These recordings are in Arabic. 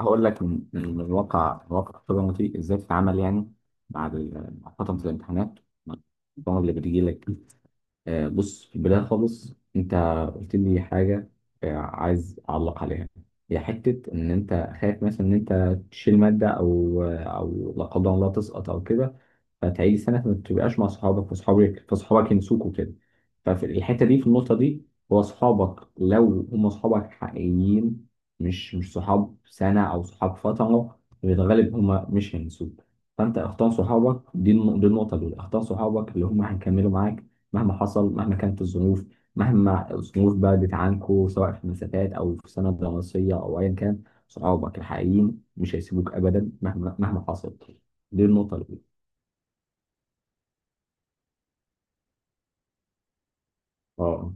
هقول لك من الواقع، من واقع خبرتي ازاي تتعامل يعني بعد مع فترة الامتحانات، مع الطلبة اللي بتجي لك. بص، في البداية خالص انت قلت لي حاجة، عايز اعلق عليها. هي حتة ان انت خايف مثلا ان انت تشيل مادة او لا قدر الله تسقط او كده، فتعيد السنه فما تبقاش مع صحابك، فصحابك ينسوك كده. ففي الحته دي، في النقطه دي، هو صحابك لو هم صحابك حقيقيين، مش صحاب سنه او صحاب فتره، في الغالب هم مش هينسوك. فانت اختار صحابك، دي النقطه، دول اختار صحابك اللي هم هيكملوا معاك مهما حصل، مهما كانت الظروف، مهما الظروف بعدت عنكوا، سواء في مسافات او في سنه دراسيه او ايا كان. صحابك الحقيقيين مش هيسيبوك ابدا مهما حصل. دي النقطه الاولى. اه،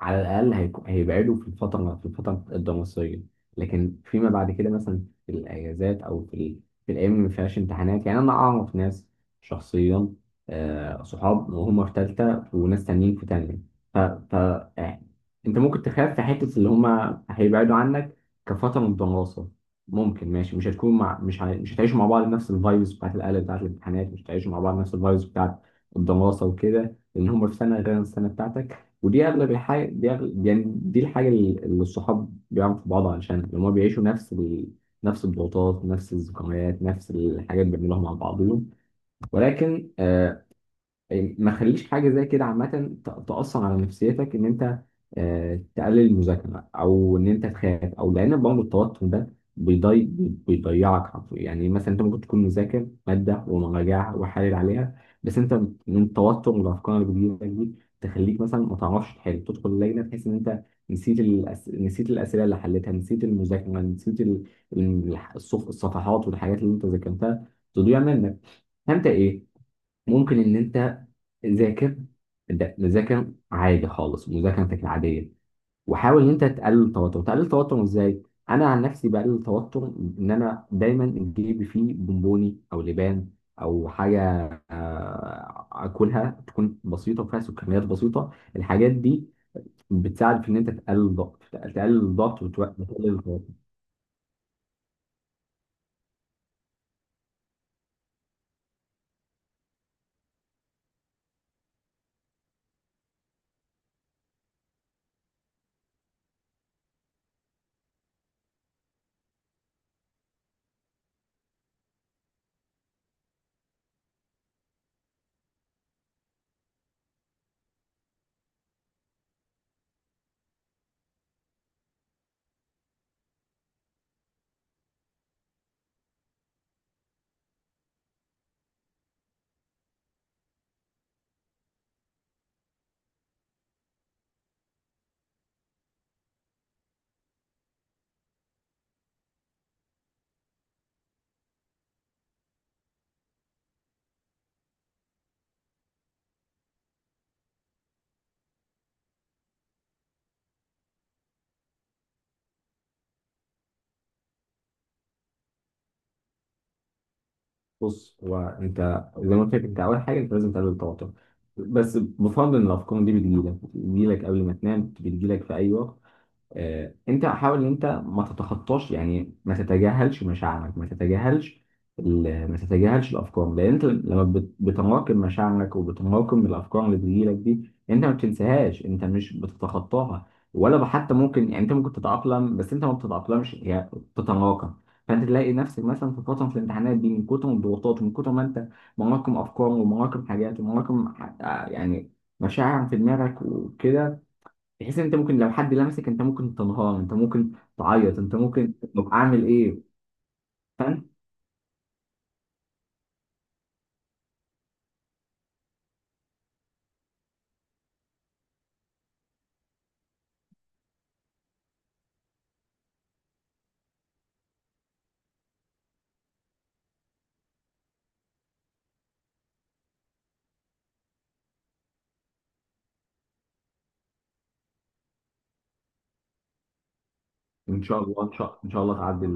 على الاقل هيبعدوا في الفتره الدراسيه. لكن فيما بعد كده، مثلا في الاجازات او في الايام اللي ما فيهاش امتحانات، يعني انا اعرف ناس شخصيا، صحاب وهم في ثالثه وناس تانيين في تانيه. ف, ف... آه، انت ممكن تخاف في حته اللي هم هيبعدوا عنك كفتره من الدراسه. ممكن ماشي، مش هتكون مع مش ه... مش هتعيشوا مع بعض نفس الفايبس بتاعت القلق، بتاعت الامتحانات، مش هتعيشوا مع بعض نفس الفايبس بتاعت الدراسه وكده لان هم في سنه غير السنه بتاعتك. ودي اغلب الحاجه، دي أغلب يعني، دي الحاجه اللي الصحاب بيعملوا في بعض، علشان لما هما بيعيشوا نفس الضغوطات، نفس الذكريات، نفس الحاجات، بيعملوها مع بعضهم. ولكن ما خليش حاجه زي كده عامه تاثر على نفسيتك، ان انت تقلل المذاكره، او ان انت تخاف، او لان برضه التوتر ده بيضي بيضيعك حرفيا. يعني مثلا انت ممكن تكون مذاكر ماده ومراجعها وحالل عليها، بس انت من التوتر والافكار اللي بتجيلك دي تخليك مثلا ما تعرفش تحل، تدخل اللجنه تحس ان انت نسيت الاسئله اللي حليتها، نسيت المذاكره، نسيت الصفحات والحاجات اللي انت ذاكرتها تضيع منك. فانت ايه، ممكن ان انت ذاكر، ذاكر عادي خالص مذاكرتك العاديه، وحاول ان انت تقلل التوتر. تقلل التوتر ازاي؟ انا عن نفسي بقلل التوتر ان انا دايما جيبي فيه بونبوني او لبان او حاجه، اكلها تكون بسيطه وفيها سكريات بسيطه. الحاجات دي بتساعد في ان انت تقلل الضغط، تقلل الضغط وتقلل التوتر. بص، هو انت زي ما قلت لك، انت اول حاجه انت لازم تقلل التوتر. بس بفضل ان الافكار دي بتجيلك قبل ما تنام، بتجيلك في اي وقت. انت حاول ان انت ما تتخطاش، يعني ما تتجاهلش مشاعرك، ما تتجاهلش الافكار، لان انت لما بتراكم مشاعرك وبتراكم الافكار اللي بتجيلك دي، انت ما بتنساهاش، انت مش بتتخطاها، ولا حتى ممكن يعني انت ممكن تتاقلم. بس انت ما بتتاقلمش، هي بتتراكم. فانت تلاقي نفسك مثلا في فتره، في الامتحانات دي، من كتر الضغوطات ومن كتر ما انت مراكم افكار ومراكم حاجات ومراكم يعني مشاعر في دماغك وكده، بحيث ان انت ممكن لو حد لمسك انت ممكن تنهار، انت ممكن تعيط، انت ممكن، طب اعمل ايه؟ فاهم. ان شاء الله تعدي،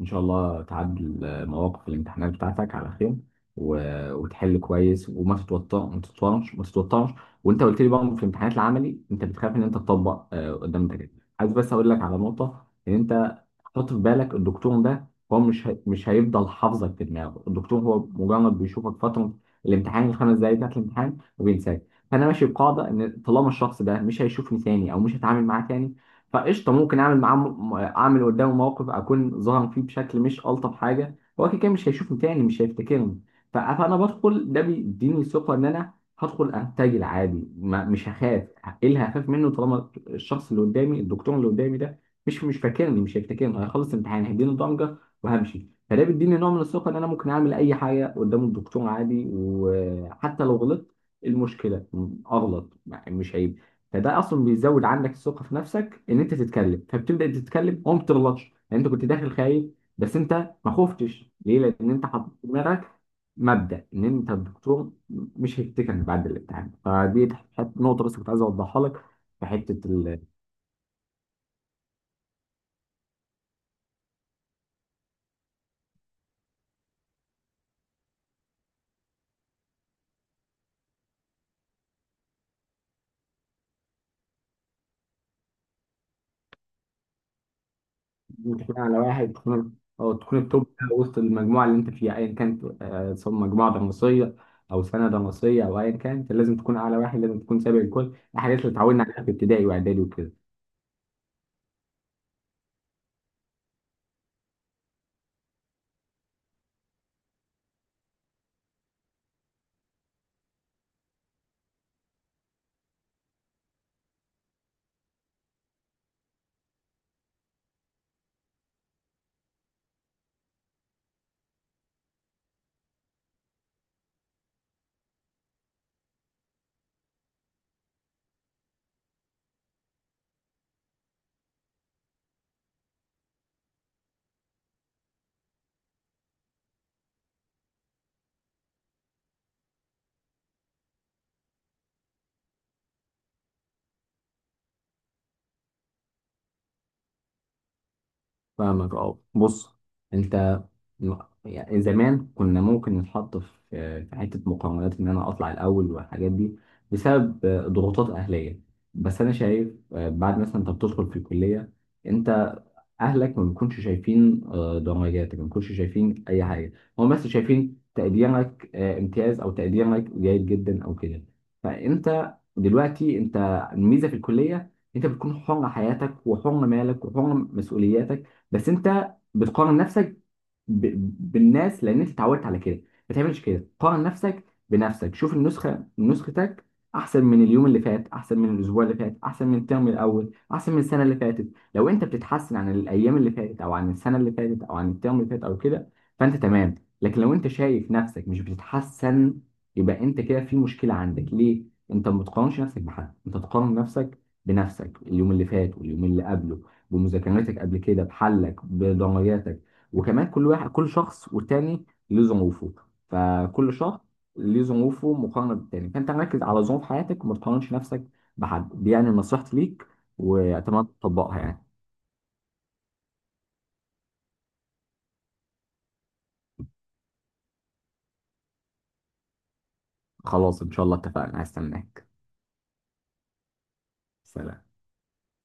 ان شاء الله تعدل مواقف الامتحانات بتاعتك على خير، و... وتحل كويس، وما تتوتر ما تتوترش، ما تتوترش. وانت قلت لي بقى، في الامتحانات العملي انت بتخاف ان انت تطبق قدام الدكاتره. عايز بس اقول لك على نقطه ان انت حط في بالك الدكتور ده هو مش هيفضل حافظك في دماغه. الدكتور هو مجرد بيشوفك فتره الامتحان، الـ 5 دقايق بتاعت الامتحان، وبينساك. فانا ماشي بقاعده ان طالما الشخص ده مش هيشوفني تاني او مش هتعامل معاه تاني، فقشطه، ممكن اعمل اعمل قدامه موقف اكون ظاهر فيه بشكل مش الطف حاجه. هو كده كده مش هيشوفني تاني، مش هيفتكرني. فانا بدخل، ده بيديني ثقه ان انا هدخل ارتجل عادي، ما مش هخاف. ايه اللي هخاف منه طالما الشخص اللي قدامي، الدكتور اللي قدامي ده مش فاكرني، مش هيفتكرني؟ هيخلص الامتحان هيديني ضمجه وهمشي. فده بيديني نوع من الثقه ان انا ممكن اعمل اي حاجه قدام الدكتور عادي، وحتى لو غلطت إيه المشكله؟ اغلط يعني، مش هيبقى. فده اصلا بيزود عندك الثقه في نفسك ان انت تتكلم، فبتبدا تتكلم وما بتغلطش. يعني انت كنت داخل خايف، بس انت ما خفتش ليه، لان انت حطيت في دماغك مبدا ان انت الدكتور مش هيفتكرك بعد الامتحان. فدي نقطه بس كنت عايز اوضحها لك. في حته التخين على واحد، تكون التوب وسط المجموعه اللي انت فيها ايا كانت، سواء مجموعه دراسيه او سنه دراسيه او ايا كانت. لازم تكون اعلى واحد، لازم تكون سابق الكل، الحاجات اللي اتعودنا عليها في ابتدائي واعدادي وكده. فاهمك. اه بص، انت م- يعني زمان كنا ممكن نتحط في حته مقارنات ان انا اطلع الاول والحاجات دي، بسبب ضغوطات اهليه. بس انا شايف بعد مثلا انت بتدخل في الكليه، انت اهلك ما بيكونش شايفين درجاتك، ما بيكونش شايفين اي حاجه، هم بس شايفين تقديرك امتياز او تقديرك جيد جدا او كده. فانت دلوقتي انت، الميزه في الكليه انت بتكون حر حياتك، وحر مالك، وحر مسؤولياتك. بس انت بتقارن نفسك ب... بالناس لان انت اتعودت على كده. ما تعملش كده، قارن نفسك بنفسك. شوف نسختك احسن من اليوم اللي فات، احسن من الاسبوع اللي فات، احسن من الترم الاول، احسن من السنه اللي فاتت. لو انت بتتحسن عن الايام اللي فاتت او عن السنه اللي فاتت او عن الترم اللي فات او كده، فانت تمام. لكن لو انت شايف نفسك مش بتتحسن، يبقى انت كده في مشكله. عندك ليه انت ما بتقارنش نفسك بحد؟ انت تقارن نفسك بنفسك، اليوم اللي فات واليوم اللي قبله، بمذاكرتك قبل كده، بحلك، بدرجاتك. وكمان كل شخص والتاني له ظروفه، فكل شخص ليه ظروفه مقارنة بالتاني، فأنت ركز على ظروف حياتك وما تقارنش نفسك بحد. دي يعني نصيحتي ليك، وأتمنى تطبقها يعني. خلاص إن شاء الله، اتفقنا، هستناك. سلام.